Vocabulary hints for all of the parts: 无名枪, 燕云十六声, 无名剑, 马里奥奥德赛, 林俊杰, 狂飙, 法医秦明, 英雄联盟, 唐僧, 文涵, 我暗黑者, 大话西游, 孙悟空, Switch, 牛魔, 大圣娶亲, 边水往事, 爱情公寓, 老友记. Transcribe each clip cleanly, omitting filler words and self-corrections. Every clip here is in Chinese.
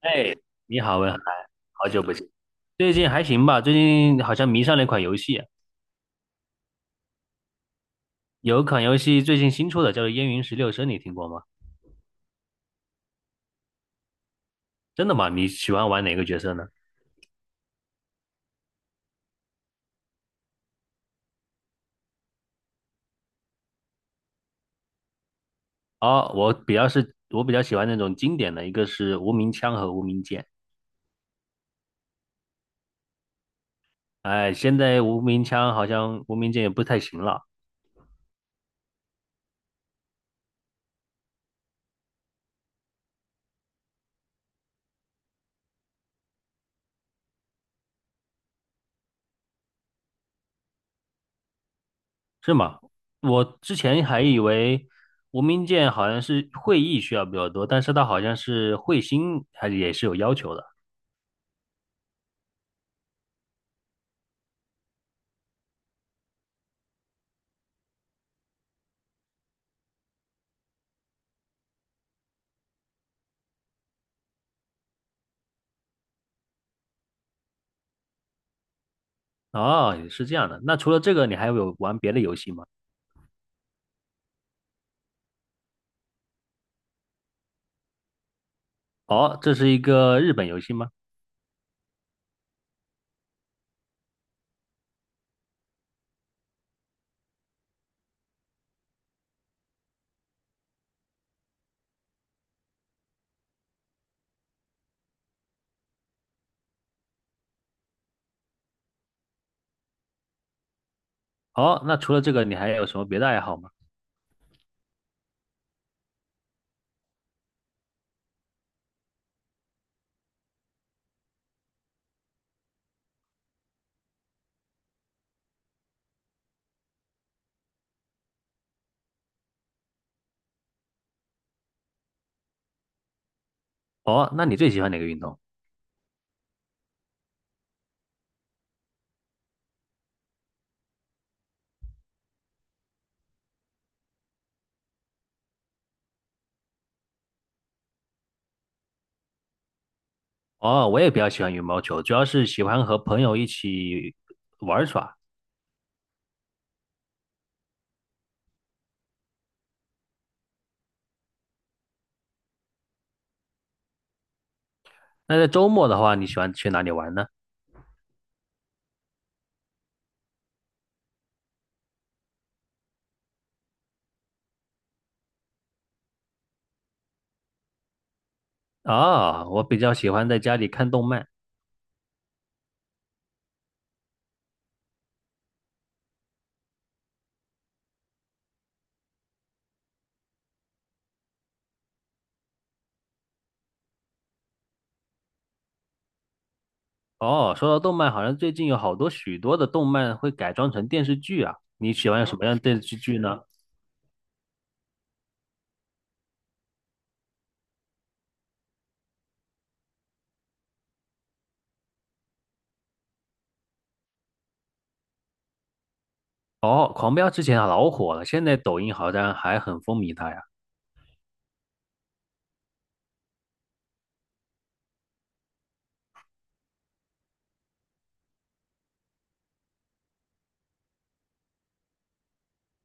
哎，你好，文涵，好久不见。最近还行吧？最近好像迷上了一款游戏，有一款游戏最近新出的，叫做《燕云十六声》，你听过吗？真的吗？你喜欢玩哪个角色呢？哦，我比较喜欢那种经典的，一个是无名枪和无名剑。哎，现在无名枪好像无名剑也不太行了，是吗？我之前还以为无名剑好像是会议需要比较多，但是它好像是会心还是也是有要求的。哦，也是这样的。那除了这个，你还有玩别的游戏吗？哦，这是一个日本游戏吗？哦，那除了这个，你还有什么别的爱好吗？哦，那你最喜欢哪个运动？哦，我也比较喜欢羽毛球，主要是喜欢和朋友一起玩耍。那在周末的话，你喜欢去哪里玩呢？哦，我比较喜欢在家里看动漫。哦，说到动漫，好像最近有好多许多的动漫会改装成电视剧啊。你喜欢什么样的电视剧呢？哦，《狂飙》之前啊老火了，现在抖音好像还很风靡它呀。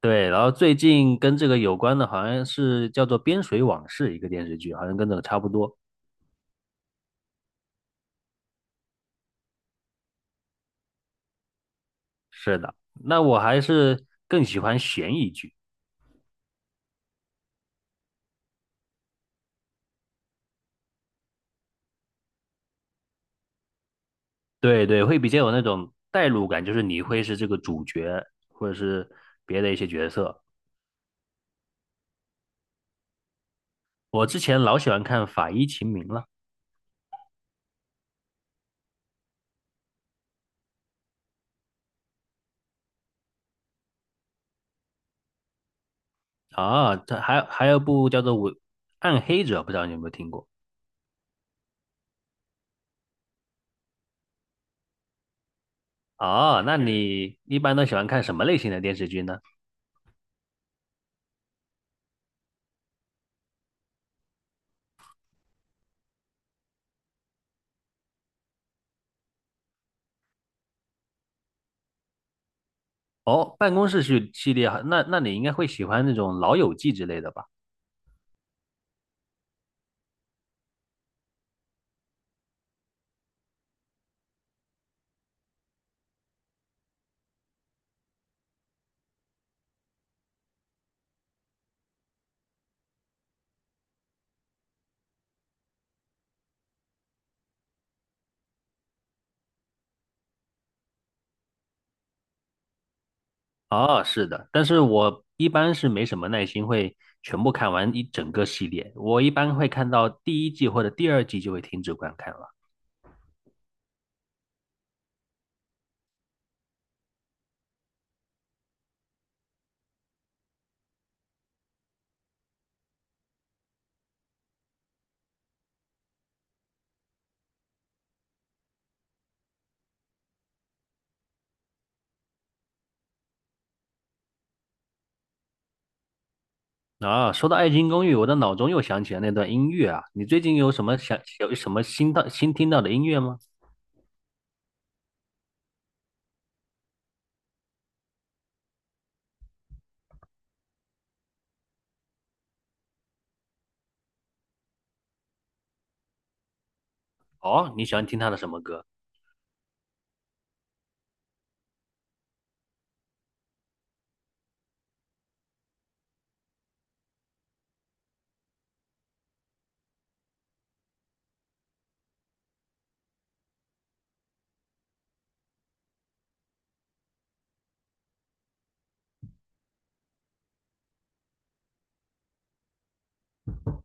对，然后最近跟这个有关的，好像是叫做《边水往事》一个电视剧，好像跟这个差不多。是的，那我还是更喜欢悬疑剧。对对，会比较有那种代入感，就是你会是这个主角，或者是别的一些角色。我之前老喜欢看《法医秦明》了啊，它还有部叫做《我暗黑者》，不知道你有没有听过？哦，那你一般都喜欢看什么类型的电视剧呢？哦，办公室剧系列，那你应该会喜欢那种《老友记》之类的吧？哦，是的，但是我一般是没什么耐心，会全部看完一整个系列。我一般会看到第一季或者第二季就会停止观看了。啊，说到《爱情公寓》，我的脑中又想起了那段音乐啊。你最近有什么新听到的音乐吗？哦，你喜欢听他的什么歌？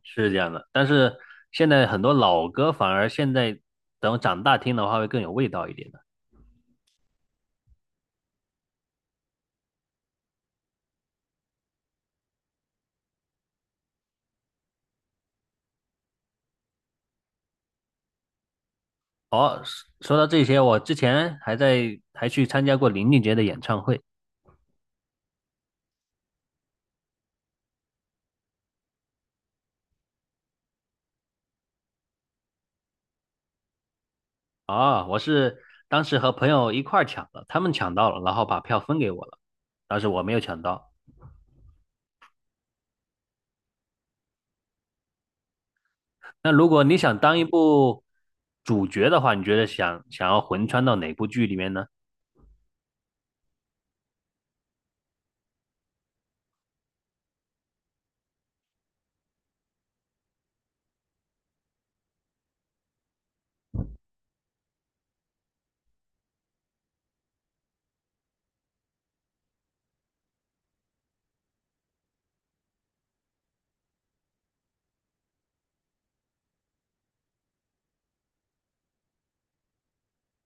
是这样的，但是现在很多老歌反而现在等长大听的话会更有味道一点的。哦，说到这些，我之前还在还去参加过林俊杰的演唱会。啊，我是当时和朋友一块儿抢的，他们抢到了，然后把票分给我了，当时我没有抢到。那如果你想当一部主角的话，你觉得想要魂穿到哪部剧里面呢？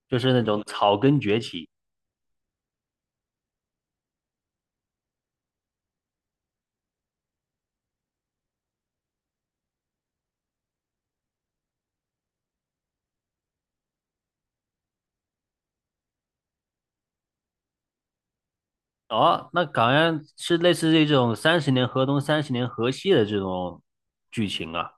就是那种草根崛起哦，那好像是类似于这种三十年河东三十年河西的这种剧情啊。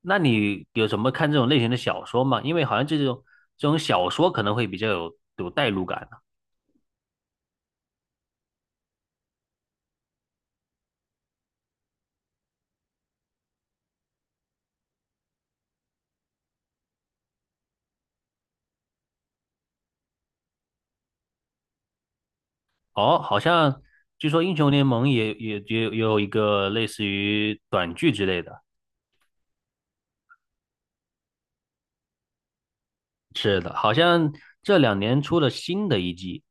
那你有什么看这种类型的小说吗？因为好像这种小说可能会比较有代入感。哦，好像据说英雄联盟也有一个类似于短剧之类的。是的，好像这两年出了新的一季，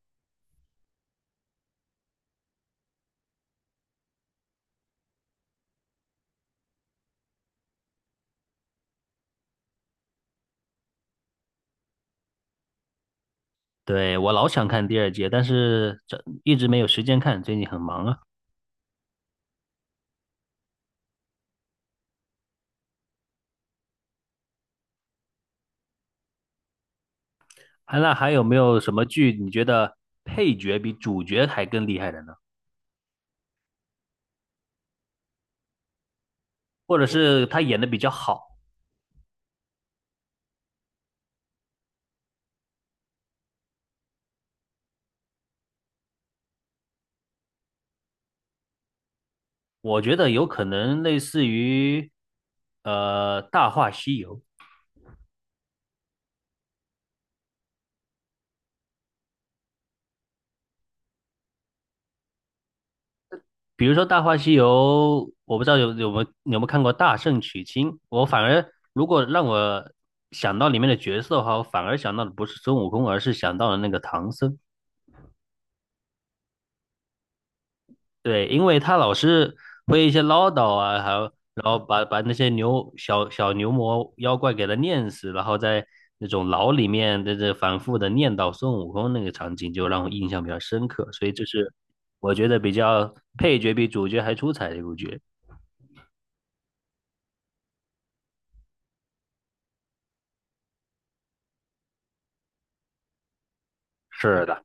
对，我老想看第二季，但是这一直没有时间看，最近很忙啊。那还有没有什么剧你觉得配角比主角还更厉害的呢？或者是他演的比较好？我觉得有可能类似于《大话西游》。比如说《大话西游》，我不知道有没有看过《大圣娶亲》，我反而如果让我想到里面的角色的话，我反而想到的不是孙悟空，而是想到了那个唐僧。对，因为他老是会一些唠叨啊，还有然后把那些牛小小牛魔妖怪给他念死，然后在那种牢里面在这反复的念叨孙悟空那个场景，就让我印象比较深刻。所以这是我觉得比较配角比主角还出彩的一部剧。是的。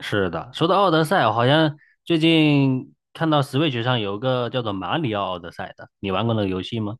是的，说到奥德赛，好像最近看到 Switch 上有个叫做《马里奥奥德赛》的，你玩过那个游戏吗？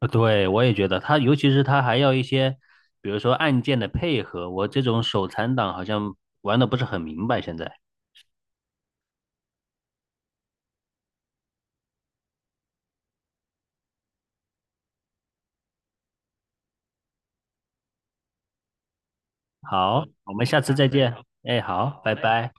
呃，对，我也觉得它，尤其是它还要一些，比如说按键的配合，我这种手残党好像玩的不是很明白。现在，好，我们下次再见。哎，好，拜拜。